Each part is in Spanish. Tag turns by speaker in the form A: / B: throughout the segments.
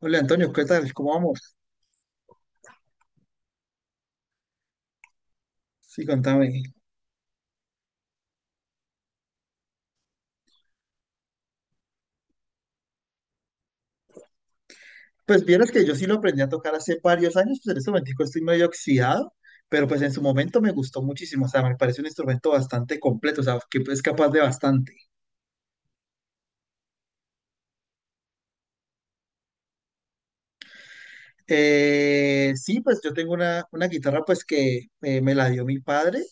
A: Hola Antonio, ¿qué tal? ¿Cómo vamos? Sí, contame. Pues vieras que yo sí lo aprendí a tocar hace varios años, pues en este momento estoy medio oxidado, pero pues en su momento me gustó muchísimo, o sea, me parece un instrumento bastante completo, o sea, que es capaz de bastante. Sí, pues yo tengo una guitarra pues que me la dio mi padre,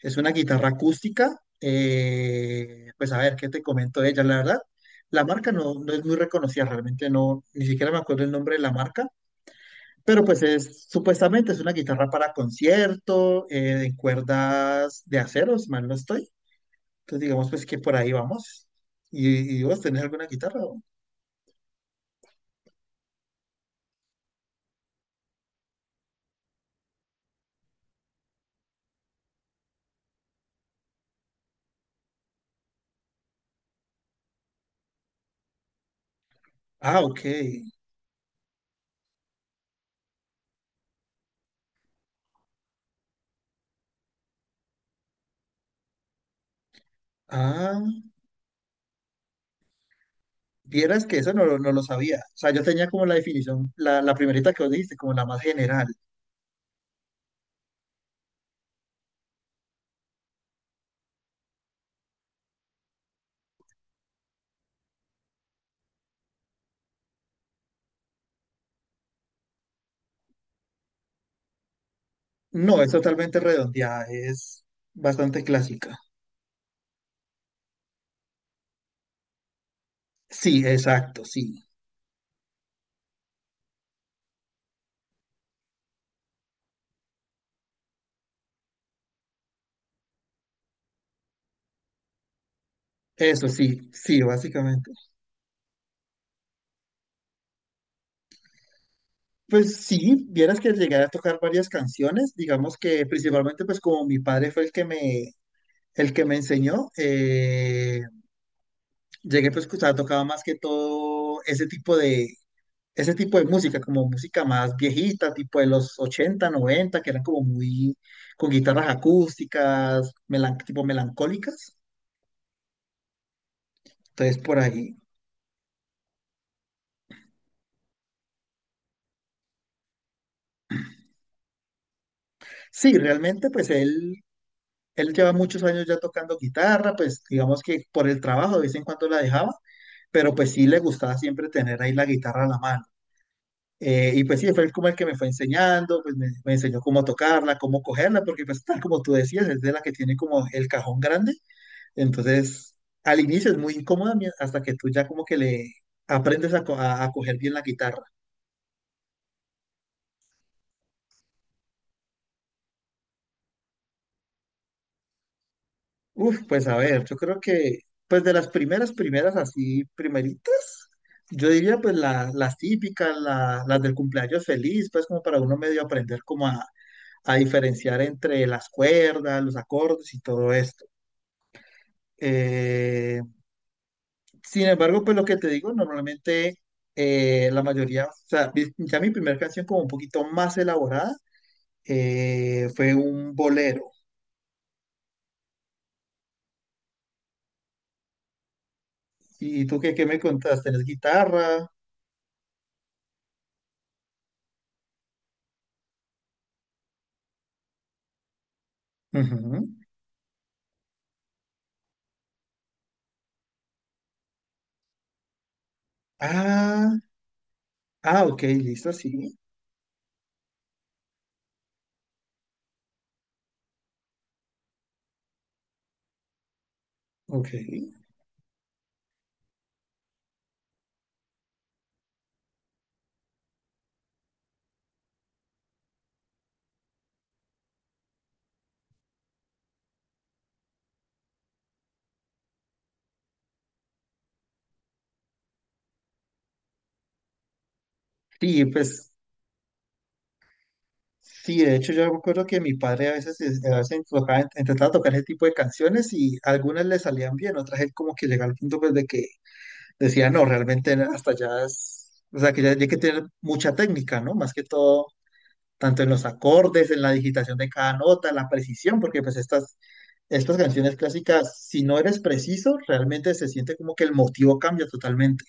A: es una guitarra acústica, pues a ver, ¿qué te comento de ella? La verdad, la marca no es muy reconocida, realmente no, ni siquiera me acuerdo el nombre de la marca. Pero pues es, supuestamente es una guitarra para concierto, de cuerdas de acero, si mal no estoy. Entonces digamos pues que por ahí vamos. ¿Y vos tenés alguna guitarra? ¿O? Ah, ok. Ah, vieras que eso no, no lo sabía. O sea, yo tenía como la definición, la primerita que vos dijiste, como la más general. No, es totalmente redondeada, es bastante clásica. Sí, exacto, sí. Eso sí, sí, básicamente. Pues sí, vieras que llegué a tocar varias canciones, digamos que principalmente pues como mi padre fue el que el que me enseñó, llegué pues que, tocaba más que todo ese tipo de música, como música más viejita, tipo de los 80 90 que eran como muy, con guitarras acústicas, tipo melancólicas, entonces por ahí. Sí, realmente él lleva muchos años ya tocando guitarra, pues digamos que por el trabajo de vez en cuando la dejaba, pero pues sí le gustaba siempre tener ahí la guitarra a la mano. Y pues sí, fue él como el que me fue enseñando, pues me enseñó cómo tocarla, cómo cogerla, porque pues tal como tú decías, es de la que tiene como el cajón grande. Entonces, al inicio es muy incómoda hasta que tú ya como que le aprendes a, a coger bien la guitarra. Uf, pues a ver, yo creo que pues de las primeras así, primeritas, yo diría pues las típicas, las del cumpleaños feliz, pues como para uno medio aprender como a diferenciar entre las cuerdas, los acordes y todo esto. Eh, Sin embargo, pues lo que te digo, normalmente la mayoría, o sea, ya mi primera canción como un poquito más elaborada fue un bolero. ¿Y tú qué me contaste? ¿Tienes guitarra? Ujú. Ah, ok, listo, sí, ok. Sí, pues sí, de hecho yo me acuerdo que mi padre a veces, a veces enfocaba intentaba tocar ese tipo de canciones y algunas le salían bien, otras él como que llegaba al punto pues de que decía, no, realmente hasta ya es, o sea, que ya, ya hay que tener mucha técnica, ¿no? Más que todo, tanto en los acordes, en la digitación de cada nota, en la precisión, porque estas canciones clásicas, si no eres preciso, realmente se siente como que el motivo cambia totalmente.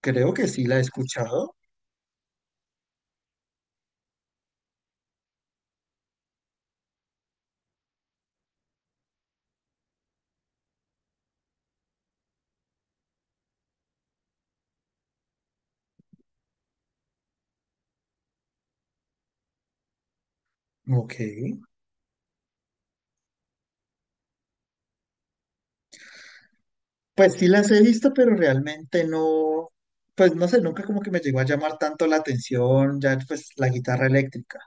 A: Creo que sí la he escuchado. Ok. Pues sí las he visto, pero realmente no, pues no sé, nunca como que me llegó a llamar tanto la atención, ya pues la guitarra eléctrica.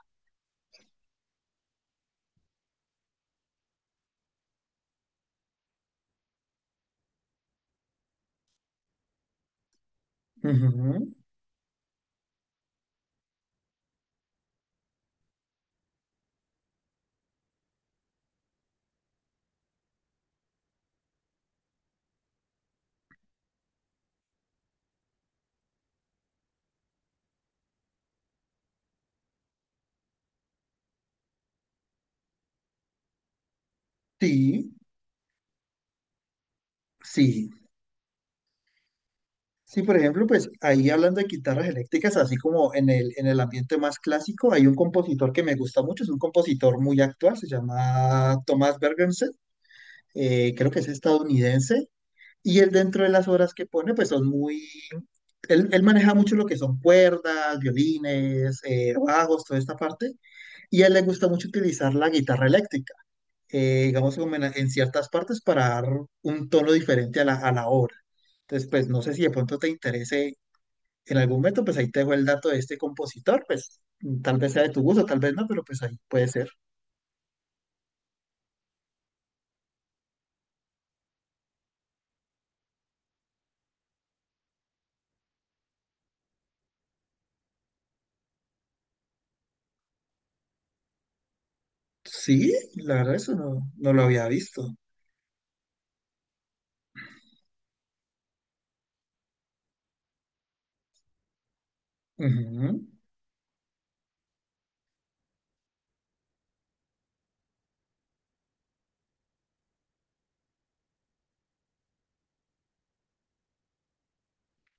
A: Ujú. Sí, sí. Sí, por ejemplo, pues ahí hablando de guitarras eléctricas, así como en el ambiente más clásico, hay un compositor que me gusta mucho, es un compositor muy actual, se llama Thomas Bergensen, creo que es estadounidense, y él dentro de las obras que pone, pues son muy, él maneja mucho lo que son cuerdas, violines, bajos, toda esta parte. Y a él le gusta mucho utilizar la guitarra eléctrica, digamos, como en ciertas partes para dar un tono diferente a a la obra. Entonces, pues no sé si de pronto te interese en algún momento, pues ahí te dejo el dato de este compositor, pues tal vez sea de tu gusto, tal vez no, pero pues ahí puede ser. Sí, la verdad eso no, no lo había visto. Ujú.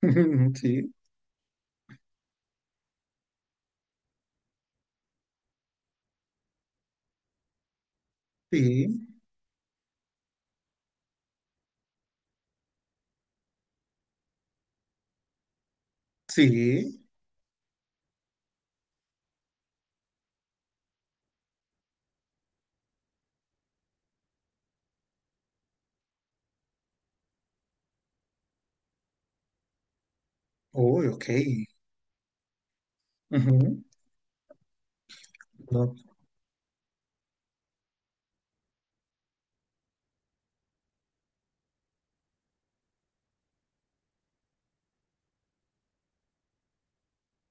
A: Sí, sí, sí. Uy, ok. Ujú. No.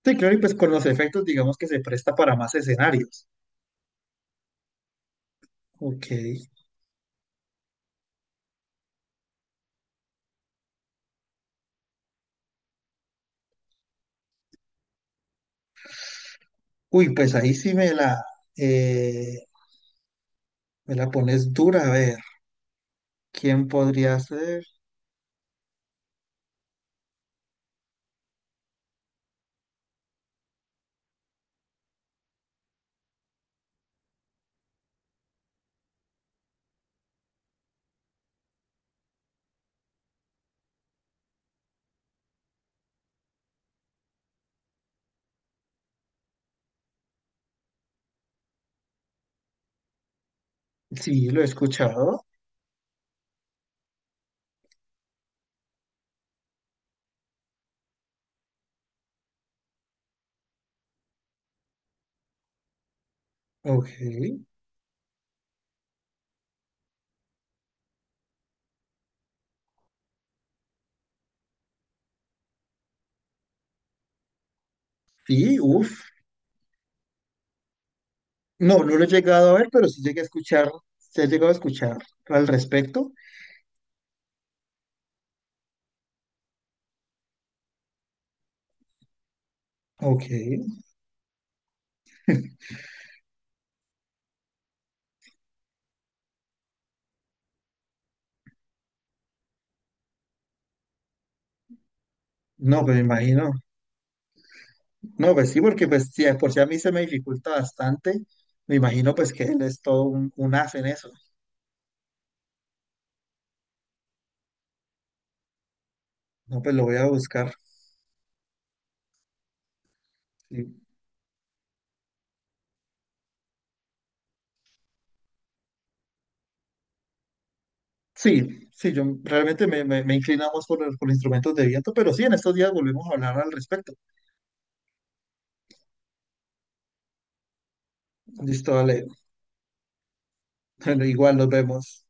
A: Sí, claro, y pues con los efectos, digamos que se presta para más escenarios. Ok. Uy, pues ahí sí eh, me la pones dura. A ver, ¿quién podría ser? Sí, lo he escuchado. Ok. Sí, uff. No, no lo he llegado a ver, pero sí llegué a escuchar, se ha llegado a escuchar al respecto. Ok. No, pues me imagino. No, pues sí, porque pues sí, de por si a mí se me dificulta bastante, me imagino pues que él es todo un as en eso. No, pues lo voy a buscar. Sí. Sí, sí, yo realmente me inclino más por instrumentos de viento, pero sí, en estos días volvemos a hablar al respecto. Listo, dale. Igual nos vemos.